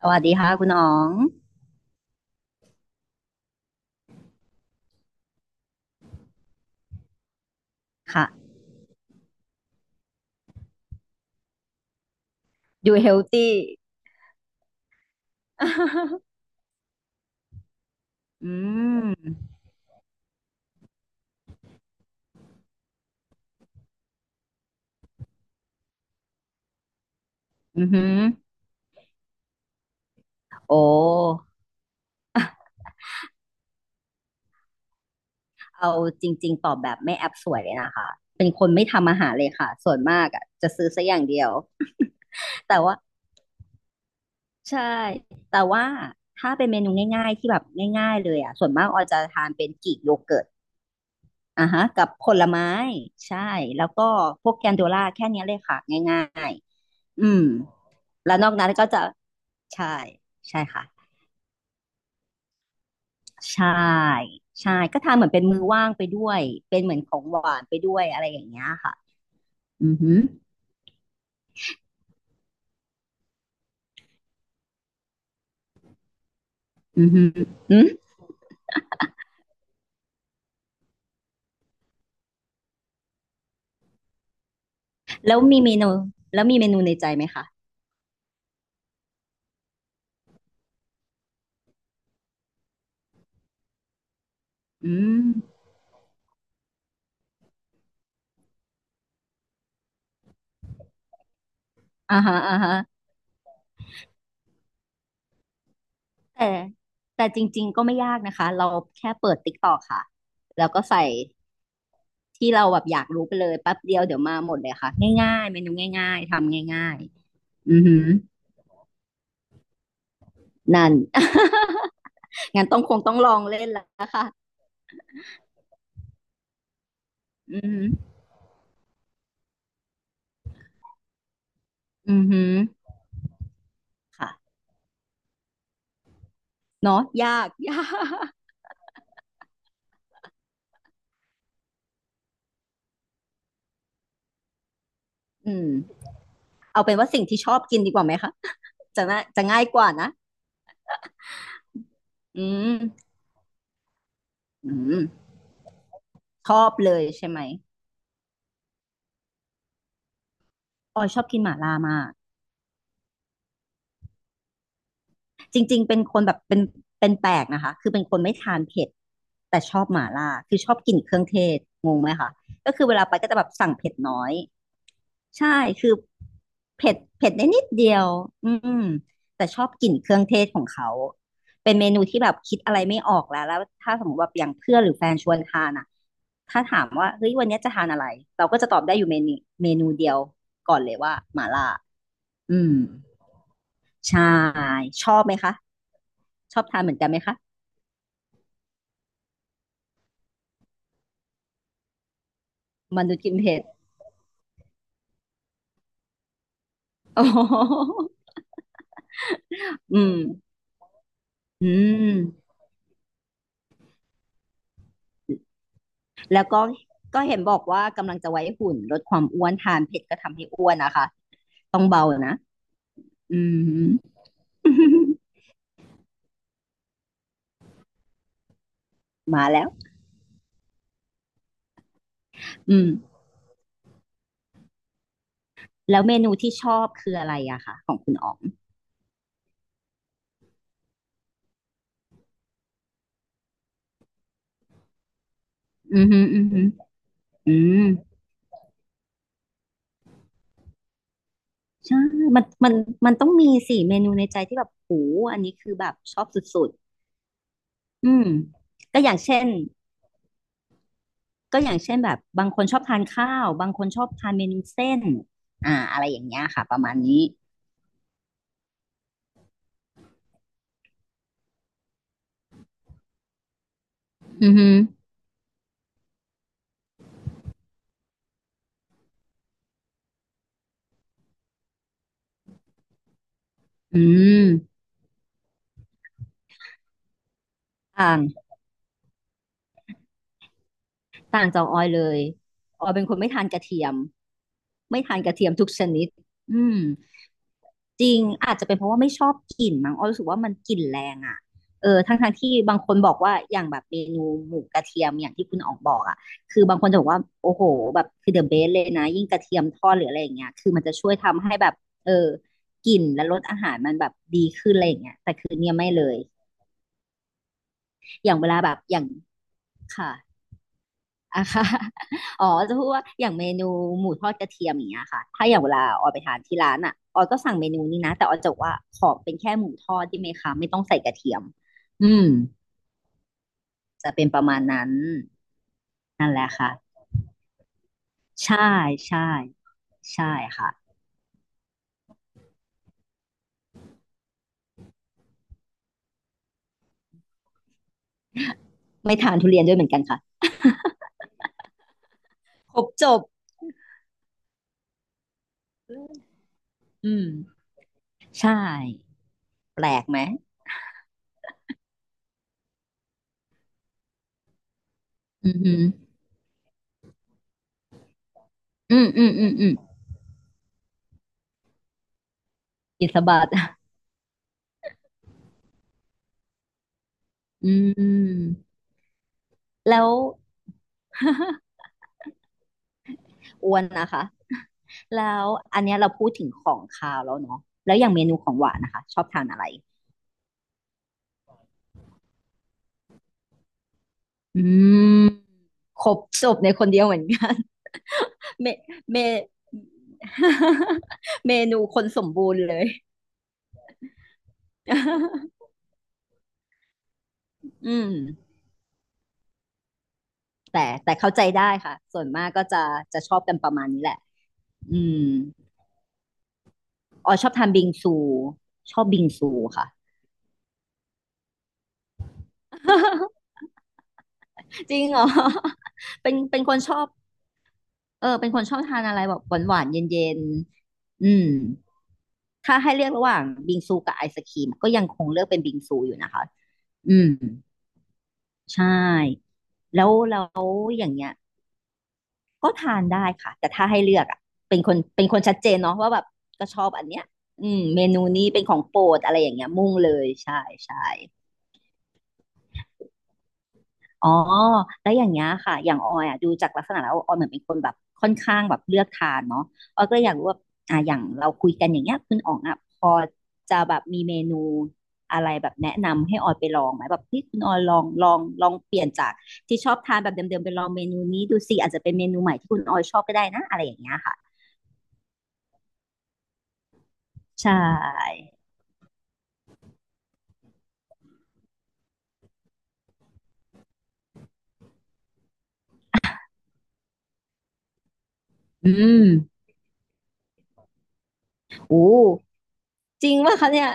สวัสดีค่ะคุณอ๋อง ค่ะดูเฮลตี้ อืมอือหือโอ้เอาจริงๆตอบแบบไม่แอบสวยเลยนะคะ เป็นคนไม่ทำอาหารเลยค่ะ ส่วนมากอ่ะจะซื้อซะอย่างเดียว แต่ว่าใช่ แต่ว่าถ้าเป็นเมนูง่ายๆที่แบบง่ายๆเลยอ่ะส่วนมากออยจะทานเป็นกรีกโยเกิร์ตอ่ะฮะกับผลไม้ ใช่ แล้วก็พวกแกนโดล่าแค่เนี้ยเลยค่ะง่ายๆ อืมแล้วนอกนั้นก็จะใช่ใช่ค่ะ ใช่ใช่ก็ทานเหมือนเป็นมือว่างไปด้วยเป็นเหมือนของหวานไปด้วยอะไรอย่างเงี้ยค่ะอือหืออือหืออืมแล้วมีเมนูแล้วมีเมนูในใจไหมคะอืมอ่าฮะอ่าฮะแต่แต่จริงๆก็ไม่ยากนะคะเราแค่เปิด TikTokค่ะแล้วก็ใส่ที่เราแบบอยากรู้ไปเลยแป๊บเดียวเดี๋ยวมาหมดเลยค่ะง่ายๆเมนูง่ายๆทำง่ายๆอือหือนั่น งั้นต้องคงต้องลองเล่นแล้วค่ะอือหืออือหือค่ะเนาะยากยาก อืมเอาเป็นว่าสิ่งที่ชอบกินดีกว่าไหมคะจะน่าจะง่ายกว่านะอืมอืมชอบเลยใช่ไหมออยชอบกินหม่าล่ามากจริงๆเป็นคนแบบเป็นเป็นแปลกนะคะคือเป็นคนไม่ทานเผ็ดแต่ชอบหม่าล่าคือชอบกลิ่นเครื่องเทศงงไหมคะก็คือเวลาไปก็จะแบบสั่งเผ็ดน้อย ใช่ คือเผ็ดเผ็ดได้นิดเดียวอืมแต่ชอบกลิ่นเครื่องเทศของเขา เป็นเมนูที่แบบคิดอะไรไม่ออกแล้วแล้วถ้าสมมติว่าอย่างเพื่อนหรือแฟนชวนทานอ่ะถ้าถามว่าเฮ้ยวันเนี้ยจะทานอะไร เราก็จะตอบได้อยู่เมนูเดียวก่อนเลยว่าหม่าล่าอืมใช่ ชอบไหมคะ ชอบทานเหมือนกันไหมคะมนุษย์กินเผ็ด โอ้โหอืมอืมแล้วก็ก็เห็นบอกว่ากำลังจะไว้หุ่นลดความอ้วนทานเผ็ดก็ทำให้อ้วนนะคะ ต้องเบานะอืม มาแล้วอืมแล้วเมนูที่ชอบคืออะไรอะคะของคุณอ๋องอืมฮึอืมฮึอืมใช่มันมันต้องมีสิเมนูในใจที่แบบโหอันนี้คือแบบชอบสุดๆอืมก็อย่างเช่นก็อย่างเช่นแบบบางคนชอบทานข้าวบางคนชอบทานเมนูเส้นอ่าอะไรอย่างเงี้ยค่ะประมาณนี้อือฮึอืมต่าง ต่างจากออยเลยออยเป็นคนไม่ทานกระเทียมไม่ทานกระเทียมทุกชนิดอืมจริงอาจจะเป็นเพราะว่าไม่ชอบกลิ่นมั้งออยรู้สึกว่ามันกลิ่นแรงอ่ะเออทั้งทางที่บางคนบอกว่าอย่างแบบเมนูหมูกระเทียมอย่างที่คุณออกบอกอ่ะคือบางคนจะบอกว่าโอ้โหแบบคือเดอะเบสเลยนะยิ่งกระเทียมทอดหรืออะไรอย่างเงี้ยคือมันจะช่วยทำให้แบบเออกลิ่นและรสอาหารมันแบบดีขึ้นอะไรอย่างเงี้ยแต่คือเนี่ยไม่เลยอย่างเวลาแบบอย่างค่ะ อ่ะค่ะ อ๋อจะพูดว่า อย่างเมนูหมูทอดกระเทียมอย่างเงี้ยค่ะถ้าอย่างเวลาออยไปทานที่ร้านอ่ะออยก็สั่งเมนูนี้นะแต่ออยจะบอกว่าขอเป็นแค่หมูทอดได้ไหมคะไม่ต้องใส่กระเทียมอืมจะเป็นประมาณนั้นนั่นแหละค่ะใช่ใช่ ใช่ค่ะ ไม่ทานทุเรียนด้วยเหมือนกันค่ะครบจบอืมใช่แปลกไหมอือหืออืมอืมอืมอืมอิสบาท อืมแล้ว อ้วนนะคะ แล้วอันเนี้ยเราพูดถึงของคาวแล้วเนาะแล้วอย่างเมนูของหวานนะคะชอบทานอะไรอืมครบจบในคนเดียวเหมือนกัน เมเม เมนูคนสมบูรณ์เลย อืมแต่แต่เข้าใจได้ค่ะส่วนมากก็จะจะชอบกันประมาณนี้แหละอืมอ๋อชอบทานบิงซูชอบบิงซูค่ะ จริงเหรอเป็นเป็นคนชอบ เออเป็นคนชอบทานอะไรแบบหวานๆเย็นๆอืมถ้าให้เลือกระหว่างบิงซูกับไอศกรีมก็ยังคงเลือกเป็นบิงซูอยู่นะคะอืมใช่แล้วแล้วอย่างเงี้ยก็ทานได้ค่ะแต่ถ้าให้เลือกอ่ะเป็นคนเป็นคนชัดเจนเนาะว่าแบบก็ชอบอันเนี้ยอืมเมนูนี้เป็นของโปรดอะไรอย่างเงี้ยมุ่งเลยใช่ใช่ อ๋อแล้วอย่างเงี้ยค่ะ อย่างออยอ่ะดูจากลักษณะแล้วออยเหมือนเป็นคนแบบค่อนข้างแบบเลือกทานเนาะออยก็เลยอยากรู้ว่าอ่ะอย่างเราคุยกันอย่างเงี้ยคุณอ๋องอ่ะพอจะแบบมีเมนูอะไรแบบแนะนำให้ออยไปลองไหมแบบที่คุณออยลองเปลี่ยนจากที่ชอบทานแบบเดิมๆไปลองเมนูนี้ดูสิอาจจะเป็นเมนูใหม่ที่คุณออยชอบก็ได้นะอะไรอย่างเงี้ยค่ะใช่อืมโอ้จริงป่ะคะเนี่ย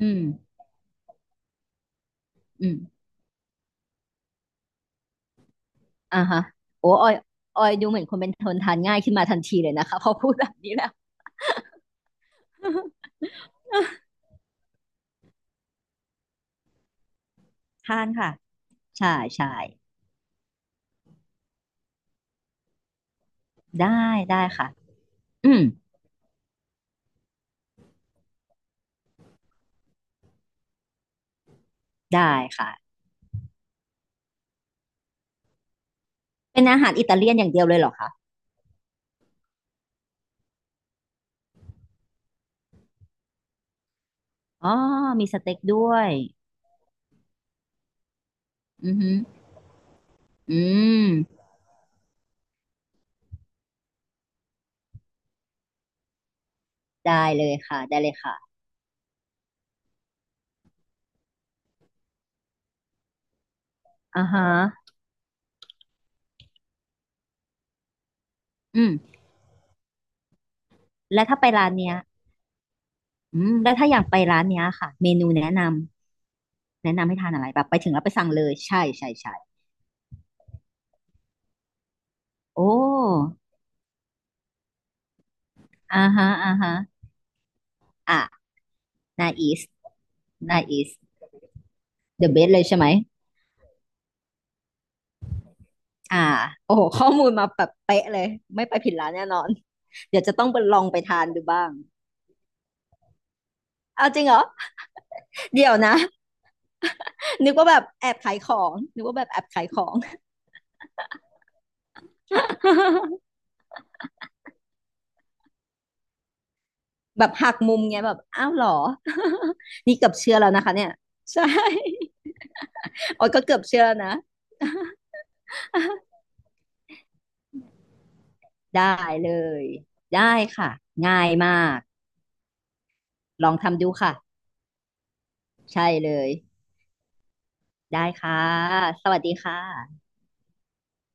อืมอืม อ่าฮะโอ้ออยออยดูเหมือนคนเป็นคนทานง่ายขึ้นมาทันทีเลยนะคะ พอพูดแบบนี้แล้ว ทานค่ะใช่ใช่ได้ได้ค่ะอืมได้ค่ะเป็นอาหารอิตาเลียนอย่างเดียวเลยเหรอคะอ๋อมีสเต็กด้วยอือหืออืมได้เลยค่ะได้เลยค่ะอ่าฮะอืมแล้วถ้าไปร้านเนี้ยอืมแล้วถ้าอยากไปร้านเนี้ยค่ะเมนูแนะนำแนะนำให้ทานอะไรแบบไปถึงแล้วไปสั่งเลยใช่ใช่ใช่โอ้อ่าฮะอ่าฮะอ่ะ นาอีสนาอีสเดอะเบสเลยใช่ไหมอ่าโอ้โหข้อมูลมาแบบเป๊ะเลยไม่ไปผิดร้านแน่นอนเดี๋ยวจะต้องไปลองไปทานดูบ้างเอาจริงเหรอเดี๋ยวนะนึกว่าแบบแอบขายของนึกว่าแบบแอบขายของ แบบหักมุมไงยแบบอ้าวเหรอ นี่เกือบเชื่อแล้วนะคะเนี่ยใช่ โอ้ยก็เกือบเชื่อแล้วนะ ได้เลยได้ค่ะง่ายมากลองทำดูค่ะใช่เลยได้ค่ะสวัสดีค่ะ